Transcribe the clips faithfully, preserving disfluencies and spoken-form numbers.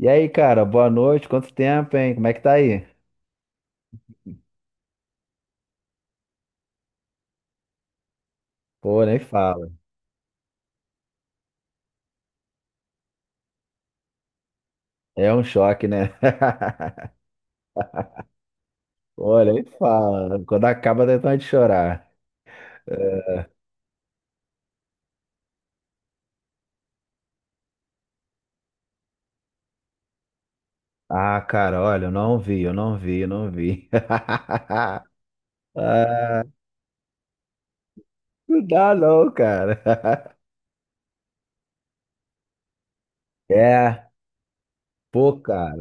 E aí, cara, boa noite. Quanto tempo, hein? Como é que tá aí? Pô, nem fala. É um choque, né? Pô, nem fala. Quando acaba, dá vontade de chorar. É. Ah, cara, olha, eu não vi, eu não vi, eu não vi. Ah, não dá não, cara. É, pô, cara.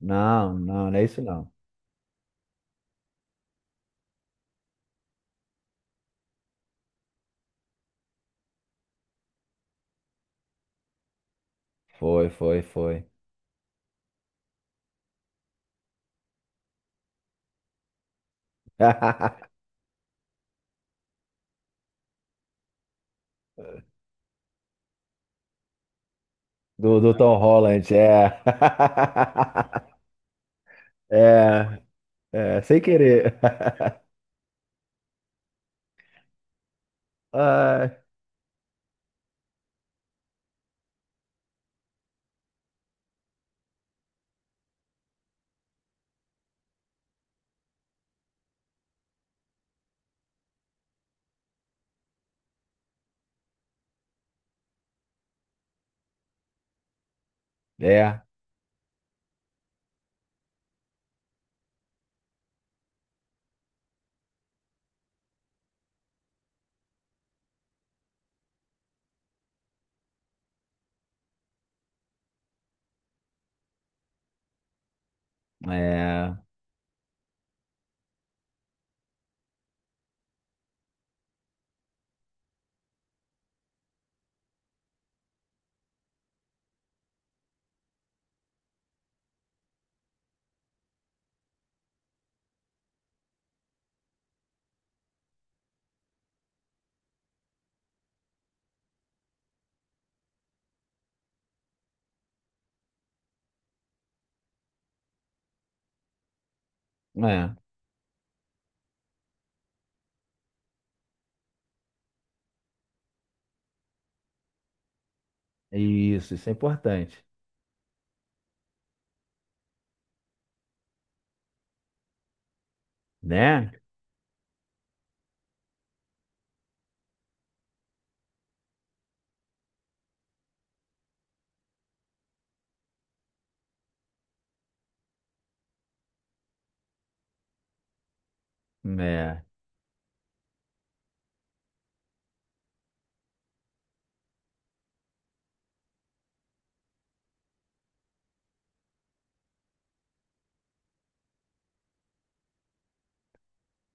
Não, não, não é isso não. Foi, foi, foi. Do, do Tom Holland, é. É, é, sem querer. Ai. É, é, é. Isso, isso é importante, né? É.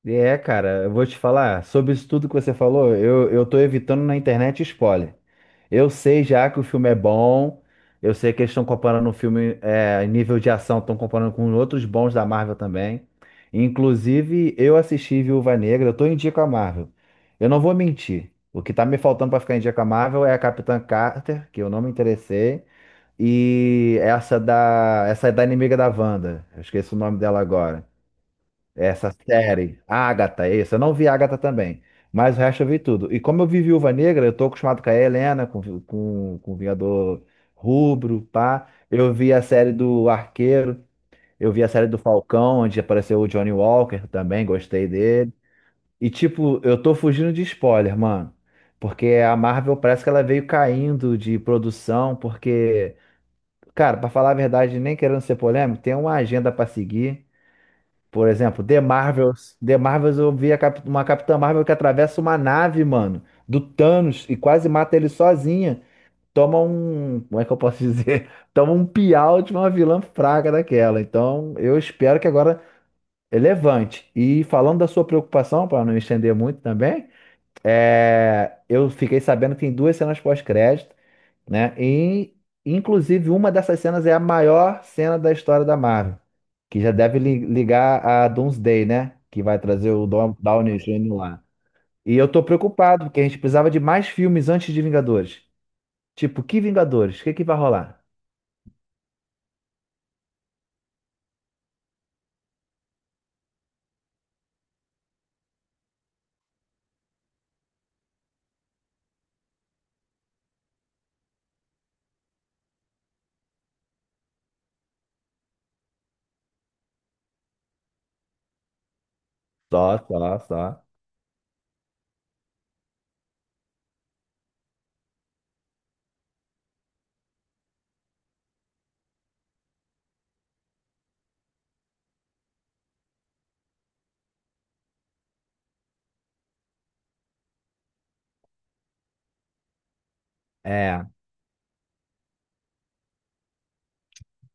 É, cara, eu vou te falar, sobre isso tudo que você falou, eu, eu tô evitando na internet spoiler. Eu sei já que o filme é bom, eu sei que eles estão comparando o filme, é, em nível de ação, estão comparando com outros bons da Marvel também. Inclusive, eu assisti Viúva Negra, eu tô em dia com a Marvel. Eu não vou mentir, o que tá me faltando pra ficar em dia com a Marvel é a Capitã Carter, que eu não me interessei. E essa da, essa é da inimiga da Wanda. Eu esqueci o nome dela agora. É, essa série, Agatha, isso. Eu não vi Agatha também, mas o resto eu vi tudo. E como eu vi Viúva Negra, eu tô acostumado com a Helena, com, vi- com, com o Vingador Rubro, pá. Eu vi a série do Arqueiro, eu vi a série do Falcão, onde apareceu o Johnny Walker também, gostei dele. E tipo, eu tô fugindo de spoiler, mano. Porque a Marvel parece que ela veio caindo de produção, porque. Cara, pra falar a verdade, nem querendo ser polêmico, tem uma agenda pra seguir. Por exemplo, The Marvels. The Marvels, eu vi a cap- uma Capitã Marvel que atravessa uma nave, mano, do Thanos e quase mata ele sozinha. Toma um. Como é que eu posso dizer? Toma um piau de uma vilã fraca daquela. Então, eu espero que agora é levante. E falando da sua preocupação, pra não me estender muito também, é, eu fiquei sabendo que tem duas cenas pós-crédito, né? E, inclusive, uma dessas cenas é a maior cena da história da Marvel, que já deve li- ligar a Doomsday, né? Que vai trazer o Dom- Downey júnior lá. E eu tô preocupado, porque a gente precisava de mais filmes antes de Vingadores. Tipo, que Vingadores? O que que vai rolar? Só, só, só. É,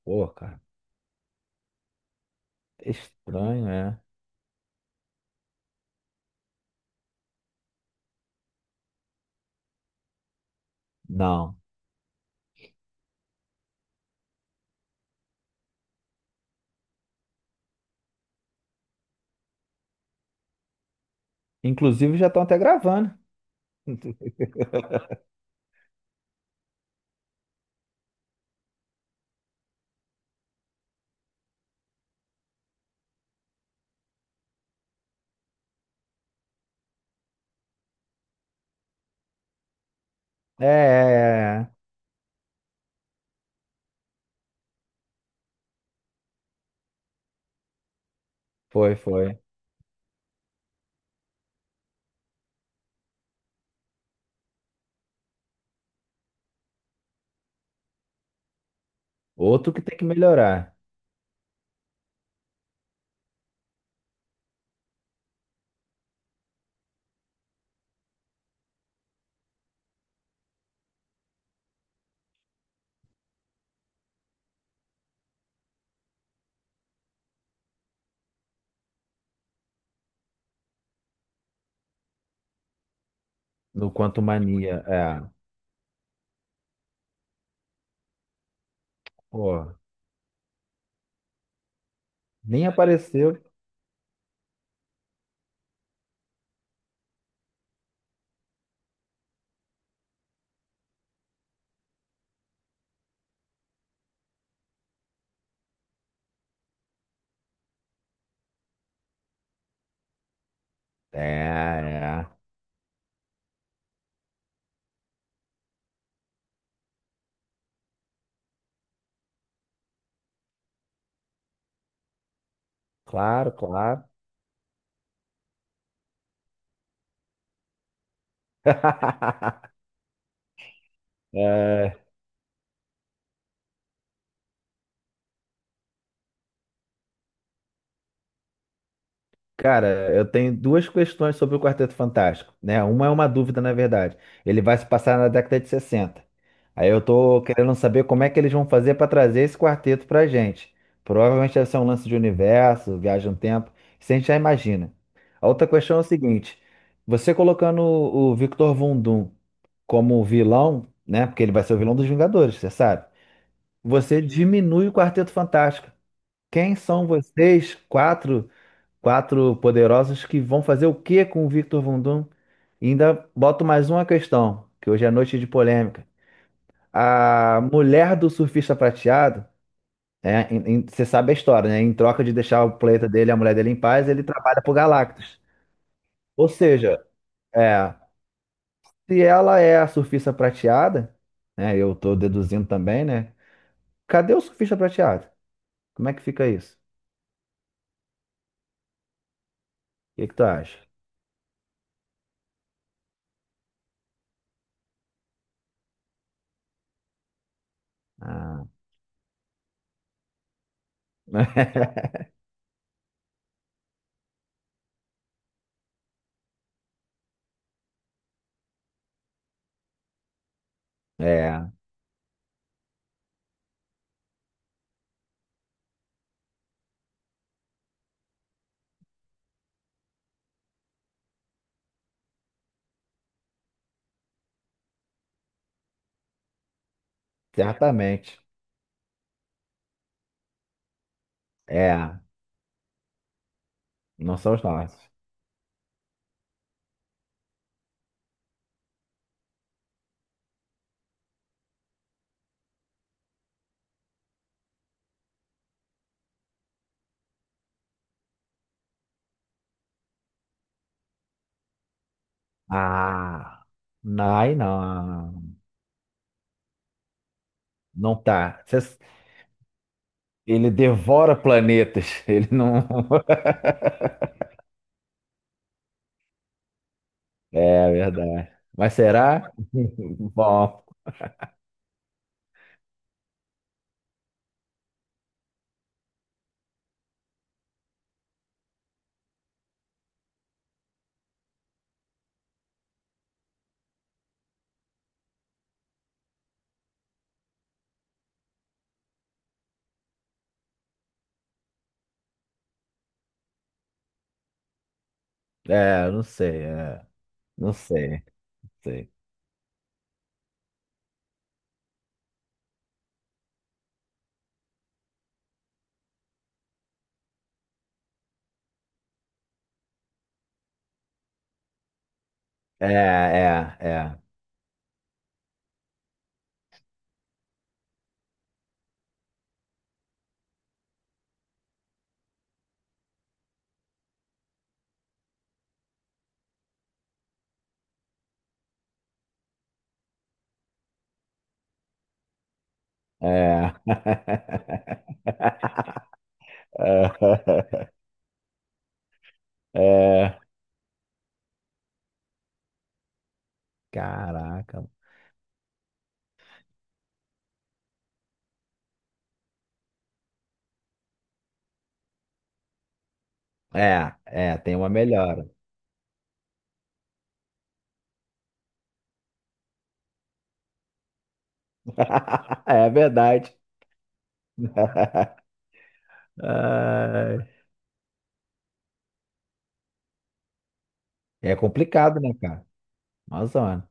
pô, cara, estranho, é. Não. Inclusive, já estão até gravando. É, é, é, é. Foi, foi. Outro que tem que melhorar no Quanto Mania. É, pô. Nem apareceu. É, é. Claro, claro. É, cara, eu tenho duas questões sobre o Quarteto Fantástico, né? Uma é uma dúvida, na verdade. Ele vai se passar na década de sessenta. Aí eu tô querendo saber como é que eles vão fazer para trazer esse quarteto pra gente. Provavelmente deve ser um lance de universo, viagem no tempo, isso a gente já imagina. A outra questão é o seguinte: você colocando o o Victor Von Doom como vilão, né? Porque ele vai ser o vilão dos Vingadores, você sabe? Você diminui o Quarteto Fantástico. Quem são vocês, quatro, quatro poderosos, que vão fazer o que com o Victor Von Doom? E ainda boto mais uma questão, que hoje é noite de polêmica. A mulher do surfista prateado, é, em- em- você sabe a história, né? Em troca de deixar o planeta dele, a mulher dele em paz, ele trabalha pro Galactus. Ou seja, é, se ela é a surfista prateada, né? Eu tô deduzindo também, né? Cadê o surfista prateado? Como é que fica isso? O que que tu acha? Ah. É, certamente. É, não são os nossos. Ah, não, aí não, não tá. Cês- Ele devora planetas. Ele não. É verdade. Mas será? Bom, é, não sei, é, não sei, sei. É, é, é, é. É, caraca. É, é, tem uma melhora. É verdade. Ai, é complicado, né, cara? Nossa, mano.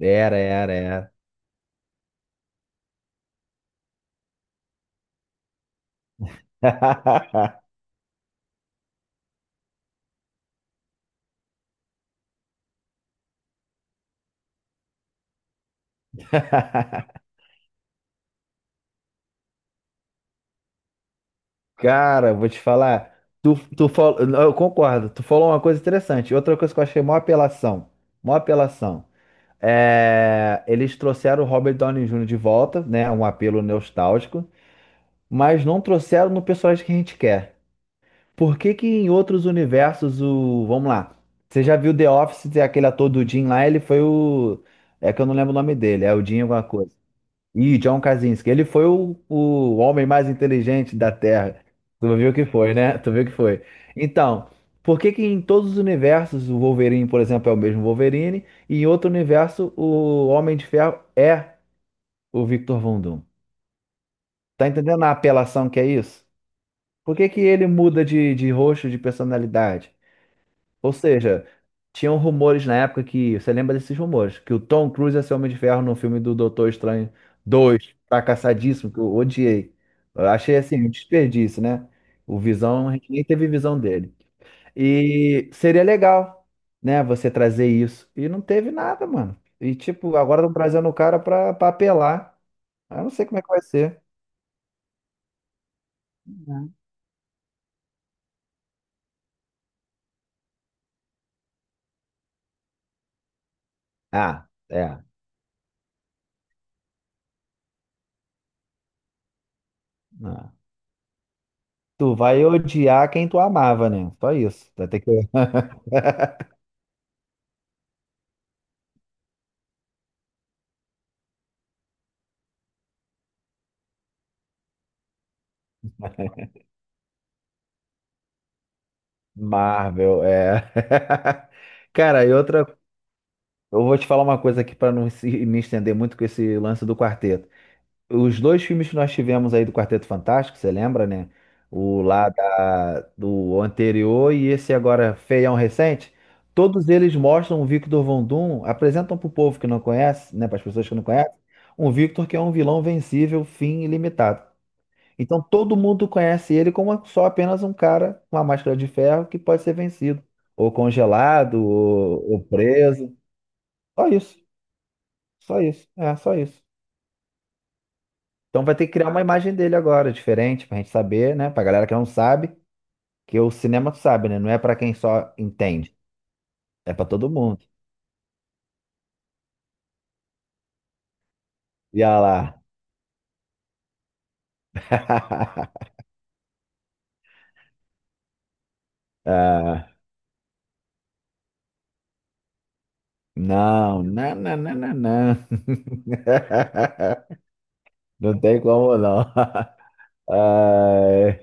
Era, era, era. Cara, eu vou te falar. Tu, tu fal... Eu concordo. Tu falou uma coisa interessante. Outra coisa que eu achei mó apelação. Mó apelação. É... Eles trouxeram o Robert Downey júnior de volta, né? Um apelo nostálgico. Mas não trouxeram no personagem que a gente quer. Por que que em outros universos o. Vamos lá. Você já viu The Office, aquele ator do Jim lá, ele foi o. É que eu não lembro o nome dele, é o Jim alguma coisa. Ih, John Krasinski. Ele foi o, o homem mais inteligente da Terra. Tu viu que foi, né? Tu viu que foi. Então, por que que em todos os universos o Wolverine, por exemplo, é o mesmo Wolverine, e em outro universo o Homem de Ferro é o Victor Von Doom? Tá entendendo a apelação que é isso? Por que que ele muda de, de rosto, de personalidade? Ou seja, tinham rumores na época que, você lembra desses rumores, que o Tom Cruise ia ser Homem de Ferro no filme do Doutor Estranho dois, fracassadíssimo, que eu odiei. Eu achei assim, um desperdício, né? O Visão, a gente nem teve visão dele. E seria legal, né, você trazer isso. E não teve nada, mano. E tipo, agora estão trazendo o cara pra, pra apelar. Eu não sei como é que vai ser. Ah, é. Ah. Tu vai odiar quem tu amava, né? Só isso. Vai ter que. Marvel, é. Cara, e outra, eu vou te falar uma coisa aqui para não se- me estender muito com esse lance do quarteto. Os dois filmes que nós tivemos aí do Quarteto Fantástico, você lembra, né? O lá da- do anterior e esse agora feião recente. Todos eles mostram o Victor Von Doom, apresentam para o povo que não conhece, né, para as pessoas que não conhecem, um Victor que é um vilão vencível, fim ilimitado. Então todo mundo conhece ele como só apenas um cara com uma máscara de ferro que pode ser vencido, ou congelado, ou, ou preso. Só isso, só isso, é, só isso. Então vai ter que criar uma imagem dele agora, diferente, pra gente saber, né? Pra galera que não sabe, que o cinema tu sabe, né? Não é pra quem só entende, é pra todo mundo. E olha lá. Ah, não, não, não, não, não, não. Não tem como não. Ai,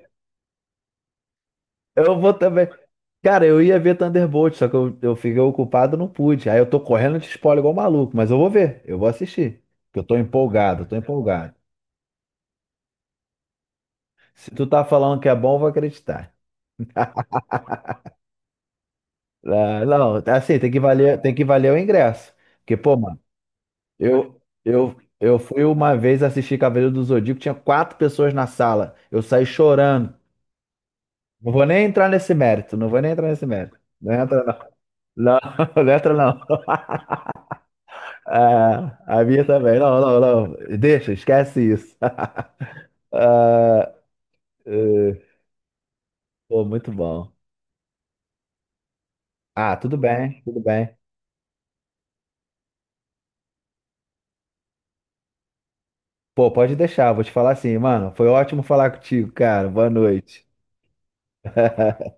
eu vou também. Cara, eu ia ver Thunderbolt, só que eu, eu fiquei ocupado, não pude. Aí eu tô correndo de spoiler igual maluco, mas eu vou ver, eu vou assistir. Porque eu tô empolgado, eu tô empolgado. Se tu tá falando que é bom, eu vou acreditar. Ah, não, assim, tem que valer, tem que valer o ingresso. Porque, pô, mano, eu, eu, eu fui uma vez assistir Cavaleiro do Zodíaco, tinha quatro pessoas na sala. Eu saí chorando. Não vou nem entrar nesse mérito, não vou nem entrar nesse mérito. Não entra, não. Não, não entra, não. Ah, a minha também. Não, não, não. Deixa, esquece isso. Ah, eh, pô, muito bom. Ah, tudo bem, tudo bem. Pô, pode deixar, vou te falar assim, mano. Foi ótimo falar contigo, cara. Boa noite.